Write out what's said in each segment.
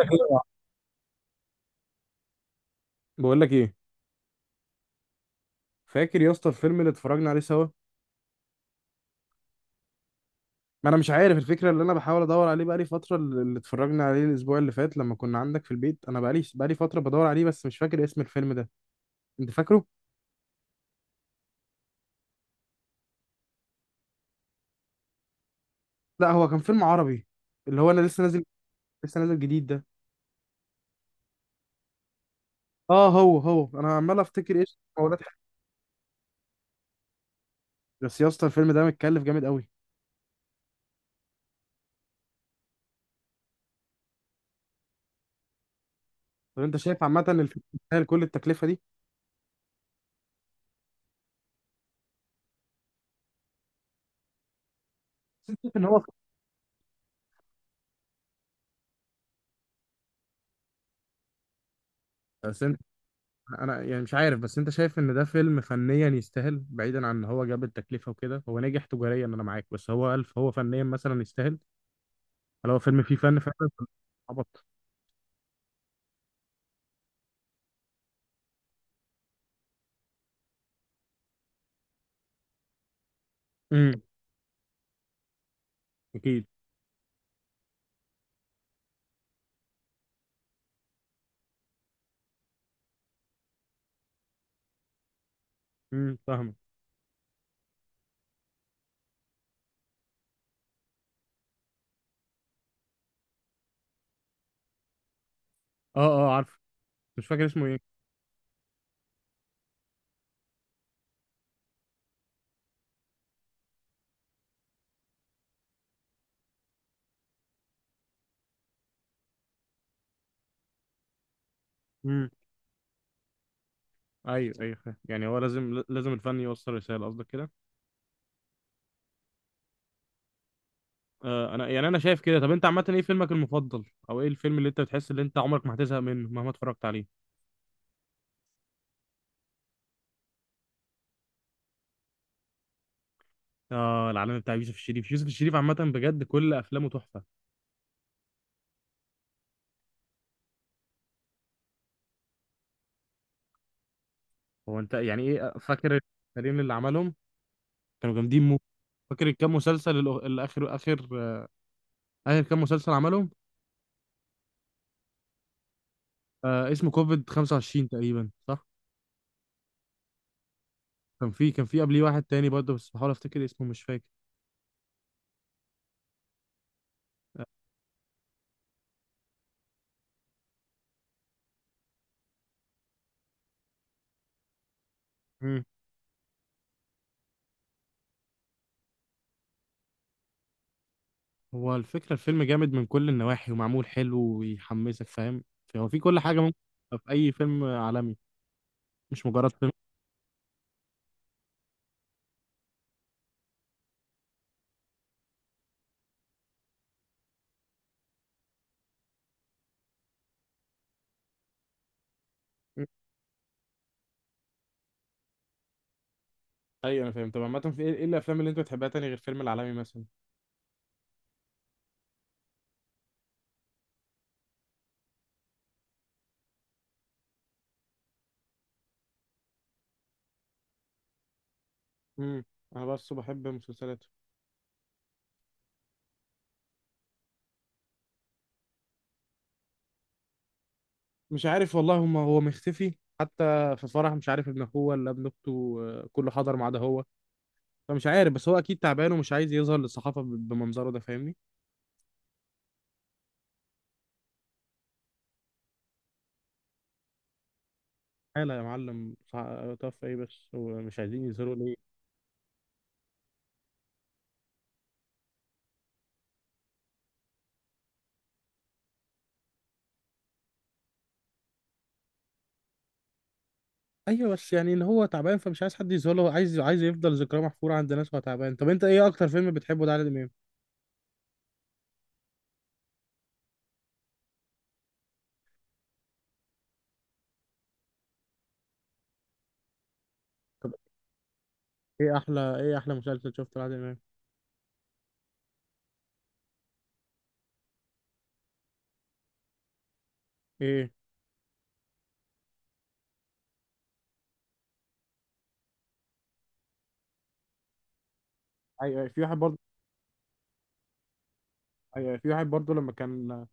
أيوة. بقول لك ايه؟ فاكر يا اسطى الفيلم اللي اتفرجنا عليه سوا؟ ما انا مش عارف الفكره اللي انا بحاول ادور عليه بقالي فتره، اللي اتفرجنا عليه الاسبوع اللي فات لما كنا عندك في البيت. انا بقالي فتره بدور عليه بس مش فاكر اسم الفيلم ده. انت فاكره؟ لا هو كان فيلم عربي، اللي هو انا لسه نازل، لسه نازل جديد ده. اه هو انا عمال افتكر ايش اولاد حاجة. بس يا اسطى الفيلم ده متكلف جامد قوي. طب انت شايف عامه الفيلم يستاهل كل التكلفه دي؟ بس انت شايف ان هو، انا يعني مش عارف، بس انت شايف ان ده فيلم فنيا يستاهل؟ بعيدا عن ان هو جاب التكلفه وكده، هو نجح تجاريا انا معاك، بس هو الف هو فنيا مثلا يستاهل؟ هل هو فيلم فيه فن فعلا؟ عبط. امم، اكيد. فاهمه. اه، اه عارف، مش فاكر اسمه ايه. امم. ايوه ايوه فاهم. يعني هو لازم لازم الفن يوصل رساله قصدك كده؟ آه، انا يعني انا شايف كده. طب انت عامه ايه فيلمك المفضل، او ايه الفيلم اللي انت بتحس ان انت عمرك ما هتزهق منه مهما اتفرجت عليه؟ اه، العالم بتاع يوسف الشريف. يوسف الشريف عامه بجد كل افلامه تحفه. هو انت يعني ايه فاكر الفريقين اللي عملهم كانوا جامدين مو؟ فاكر الكام مسلسل الأخ- الاخر اخر اخر اخر كام مسلسل عملهم؟ آه، اسمه كوفيد 25 تقريبا صح. كان في قبليه واحد تاني برضه، بس بحاول افتكر اسمه مش فاكر. مم. هو الفكرة الفيلم جامد من كل النواحي ومعمول حلو ويحمسك فاهم. هو في كل حاجة ممكن تبقى في أي فيلم عالمي، مش مجرد فيلم. مم. ايوه انا فاهم. طب عامة في ايه، إيه الافلام اللي انت بتحبها تاني غير فيلم العالمي مثلا؟ امم. انا بس بحب مسلسلات. مش عارف والله، هما هو مختفي. حتى في فرح مش عارف ابن اخوه ولا ابن اخته، كله حضر ما عدا هو. فمش عارف، بس هو اكيد تعبان ومش عايز يظهر للصحافه بمنظره ده فاهمني. حاله يا معلم طف ايه؟ بس هو مش عايزين يظهروا ليه. ايوه، بس يعني ان هو تعبان فمش عايز حد يظهر له، عايز يفضل ذكراه محفوره عند ناس وهو تعبان. طب انت ايه اكتر فيلم بتحبه لعادل امام؟ طب ايه احلى، ايه احلى مسلسل شفته لعادل امام؟ ايه، ايوه أيوة، في واحد برضه. ايوه في واحد برضه، لما كان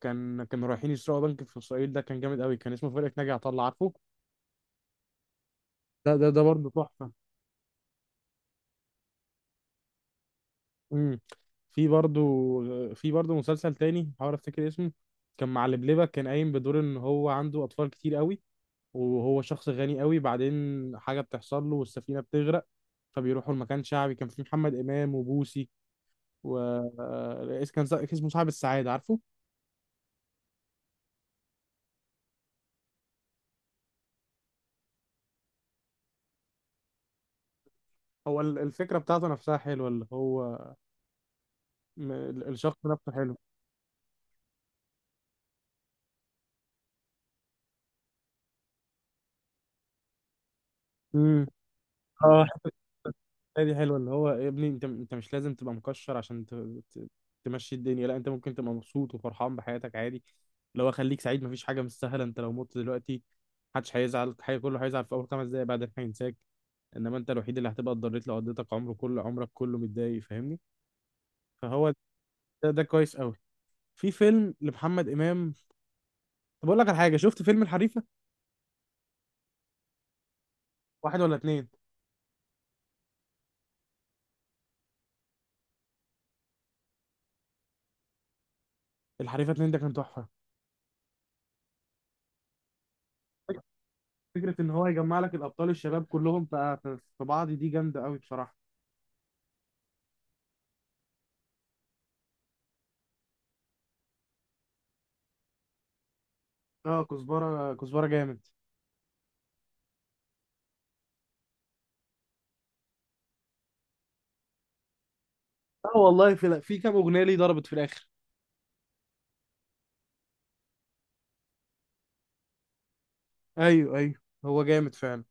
كانوا رايحين يسرقوا بنك في اسرائيل. ده كان جامد قوي، كان اسمه فرقة ناجي عطا الله عارفه. ده برضه تحفة. امم. في برضه، في برضه مسلسل تاني بحاول افتكر اسمه. كان مع لبلبة، كان قايم بدور ان هو عنده اطفال كتير قوي، وهو شخص غني قوي. بعدين حاجة بتحصل له والسفينة بتغرق، فبيروحوا لمكان شعبي كان فيه محمد امام وبوسي، و اسمه صاحب السعادة عارفه. هو الفكرة بتاعته نفسها حلوة، اللي هو الشخص نفسه حلو. امم. اه، لا دي حلوه، اللي هو يا ابني انت مش لازم تبقى مكشر عشان ت... تمشي الدنيا. لا، انت ممكن تبقى مبسوط وفرحان بحياتك عادي. اللي هو خليك سعيد، مفيش حاجه مستاهله. انت لو مت دلوقتي محدش هيزعل حاجه، كله هيزعل في اول 5 دقايق بعدين هينساك. انما انت الوحيد اللي هتبقى اتضريت لو قضيتك عمره كله، عمرك كله متضايق فاهمني. فهو ده كويس قوي في فيلم لمحمد امام. طب اقول لك على حاجه، شفت فيلم الحريفه؟ واحد ولا اتنين؟ الحريفه اتنين ده كان تحفه. فكره ان هو يجمع لك الابطال الشباب كلهم في بعض دي جامده قوي بصراحه. اه كزبره، كزبره جامد. اه والله، في كام اغنيه ليه ضربت في الاخر. ايوه ايوه، هو جامد فعلا.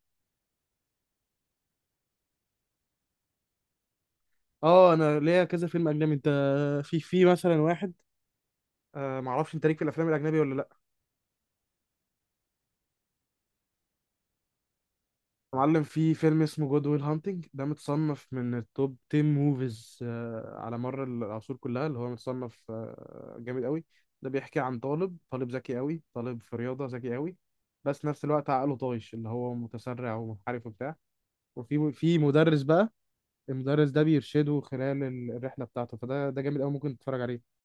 اه، انا ليا كذا فيلم اجنبي. انت في مثلا واحد، معرفش انت ليك في الافلام الاجنبي ولا لا. يا معلم، في فيلم اسمه جود ويل هانتنج، ده متصنف من التوب 10 موفيز على مر العصور كلها، اللي هو متصنف جامد قوي. ده بيحكي عن طالب، طالب ذكي قوي، طالب في رياضه ذكي قوي، بس نفس الوقت عقله طايش، اللي هو متسرع ومنحرف وبتاع. وفي مدرس بقى، المدرس ده بيرشده خلال الرحله بتاعته. فده جامد قوي، ممكن تتفرج عليه.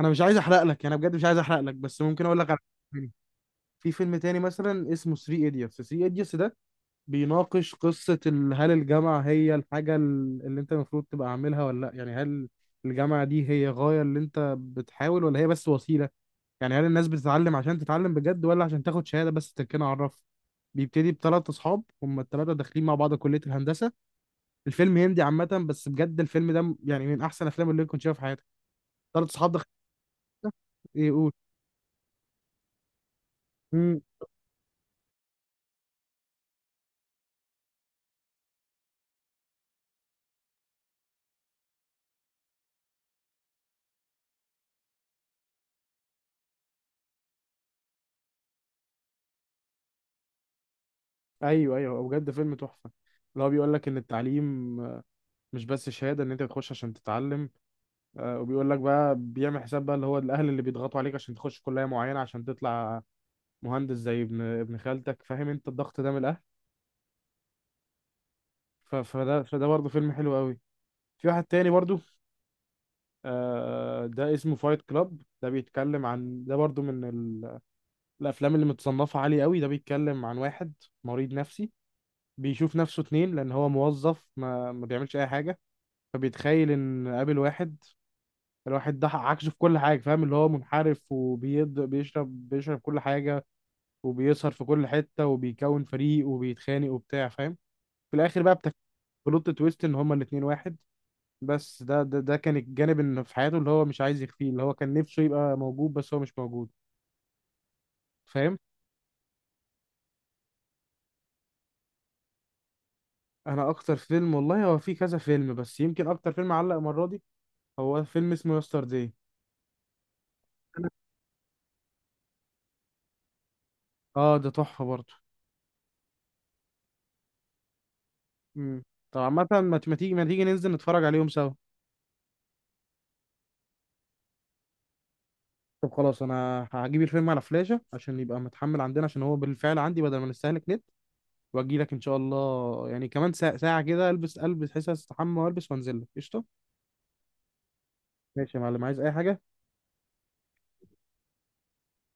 انا مش عايز احرق لك، انا بجد مش عايز احرق لك، بس ممكن اقول لك على فيلم. في فيلم تاني مثلا اسمه 3 ايديوتس. 3 ايديوتس ده بيناقش قصه هل الجامعه هي الحاجه اللي انت المفروض تبقى عاملها ولا لا؟ يعني هل الجامعه دي هي غايه اللي انت بتحاول، ولا هي بس وسيله؟ يعني هل الناس بتتعلم عشان تتعلم بجد، ولا عشان تاخد شهاده بس تركنا على الرف؟ بيبتدي ب3 اصحاب، هم ال3 داخلين مع بعض كليه الهندسه. الفيلم هندي عامة، بس بجد الفيلم ده يعني من أحسن الأفلام اللي كنت شايفها في حياتي. 3 صحاب دخل يقول. امم. أيوه أيوه، هو بجد فيلم تحفة. اللي هو بيقول لك إن التعليم مش بس شهادة، إن أنت بتخش عشان تتعلم. وبيقول لك بقى، بيعمل حساب بقى اللي هو الأهل اللي بيضغطوا عليك عشان تخش كلية معينة عشان تطلع مهندس زي ابن خالتك. فاهم أنت الضغط ده من الأهل؟ فده فده برضه فيلم حلو قوي. في واحد تاني برضه، ده اسمه فايت كلاب. ده بيتكلم عن ده برضه من الافلام اللي متصنفه عالي قوي. ده بيتكلم عن واحد مريض نفسي بيشوف نفسه اتنين، لان هو موظف ما بيعملش اي حاجه، فبيتخيل ان قابل واحد. الواحد ده عكسه في كل حاجه، فاهم؟ اللي هو منحرف وبيض، بيشرب كل حاجه، وبيسهر في كل حته، وبيكون فريق، وبيتخانق وبتاع فاهم. في الاخر بقى بلوت تويست ان هما الاتنين واحد. بس ده كان الجانب اللي في حياته اللي هو مش عايز يخفيه، اللي هو كان نفسه يبقى موجود بس هو مش موجود فاهم. انا اكتر فيلم والله، هو في كذا فيلم، بس يمكن اكتر فيلم علق المره دي هو فيلم اسمه يسترداي. اه، ده تحفه برضه. امم. طب عامه، ما تيجي ننزل نتفرج عليهم سوا. طب خلاص، انا هجيب الفيلم على فلاشه عشان يبقى متحمل عندنا، عشان هو بالفعل عندي، بدل ما نستهلك نت. واجي لك ان شاء الله يعني كمان ساعه، ساعة كده، البس، حس استحمى والبس وانزل لك قشطه. ماشي يا معلم، عايز اي حاجه؟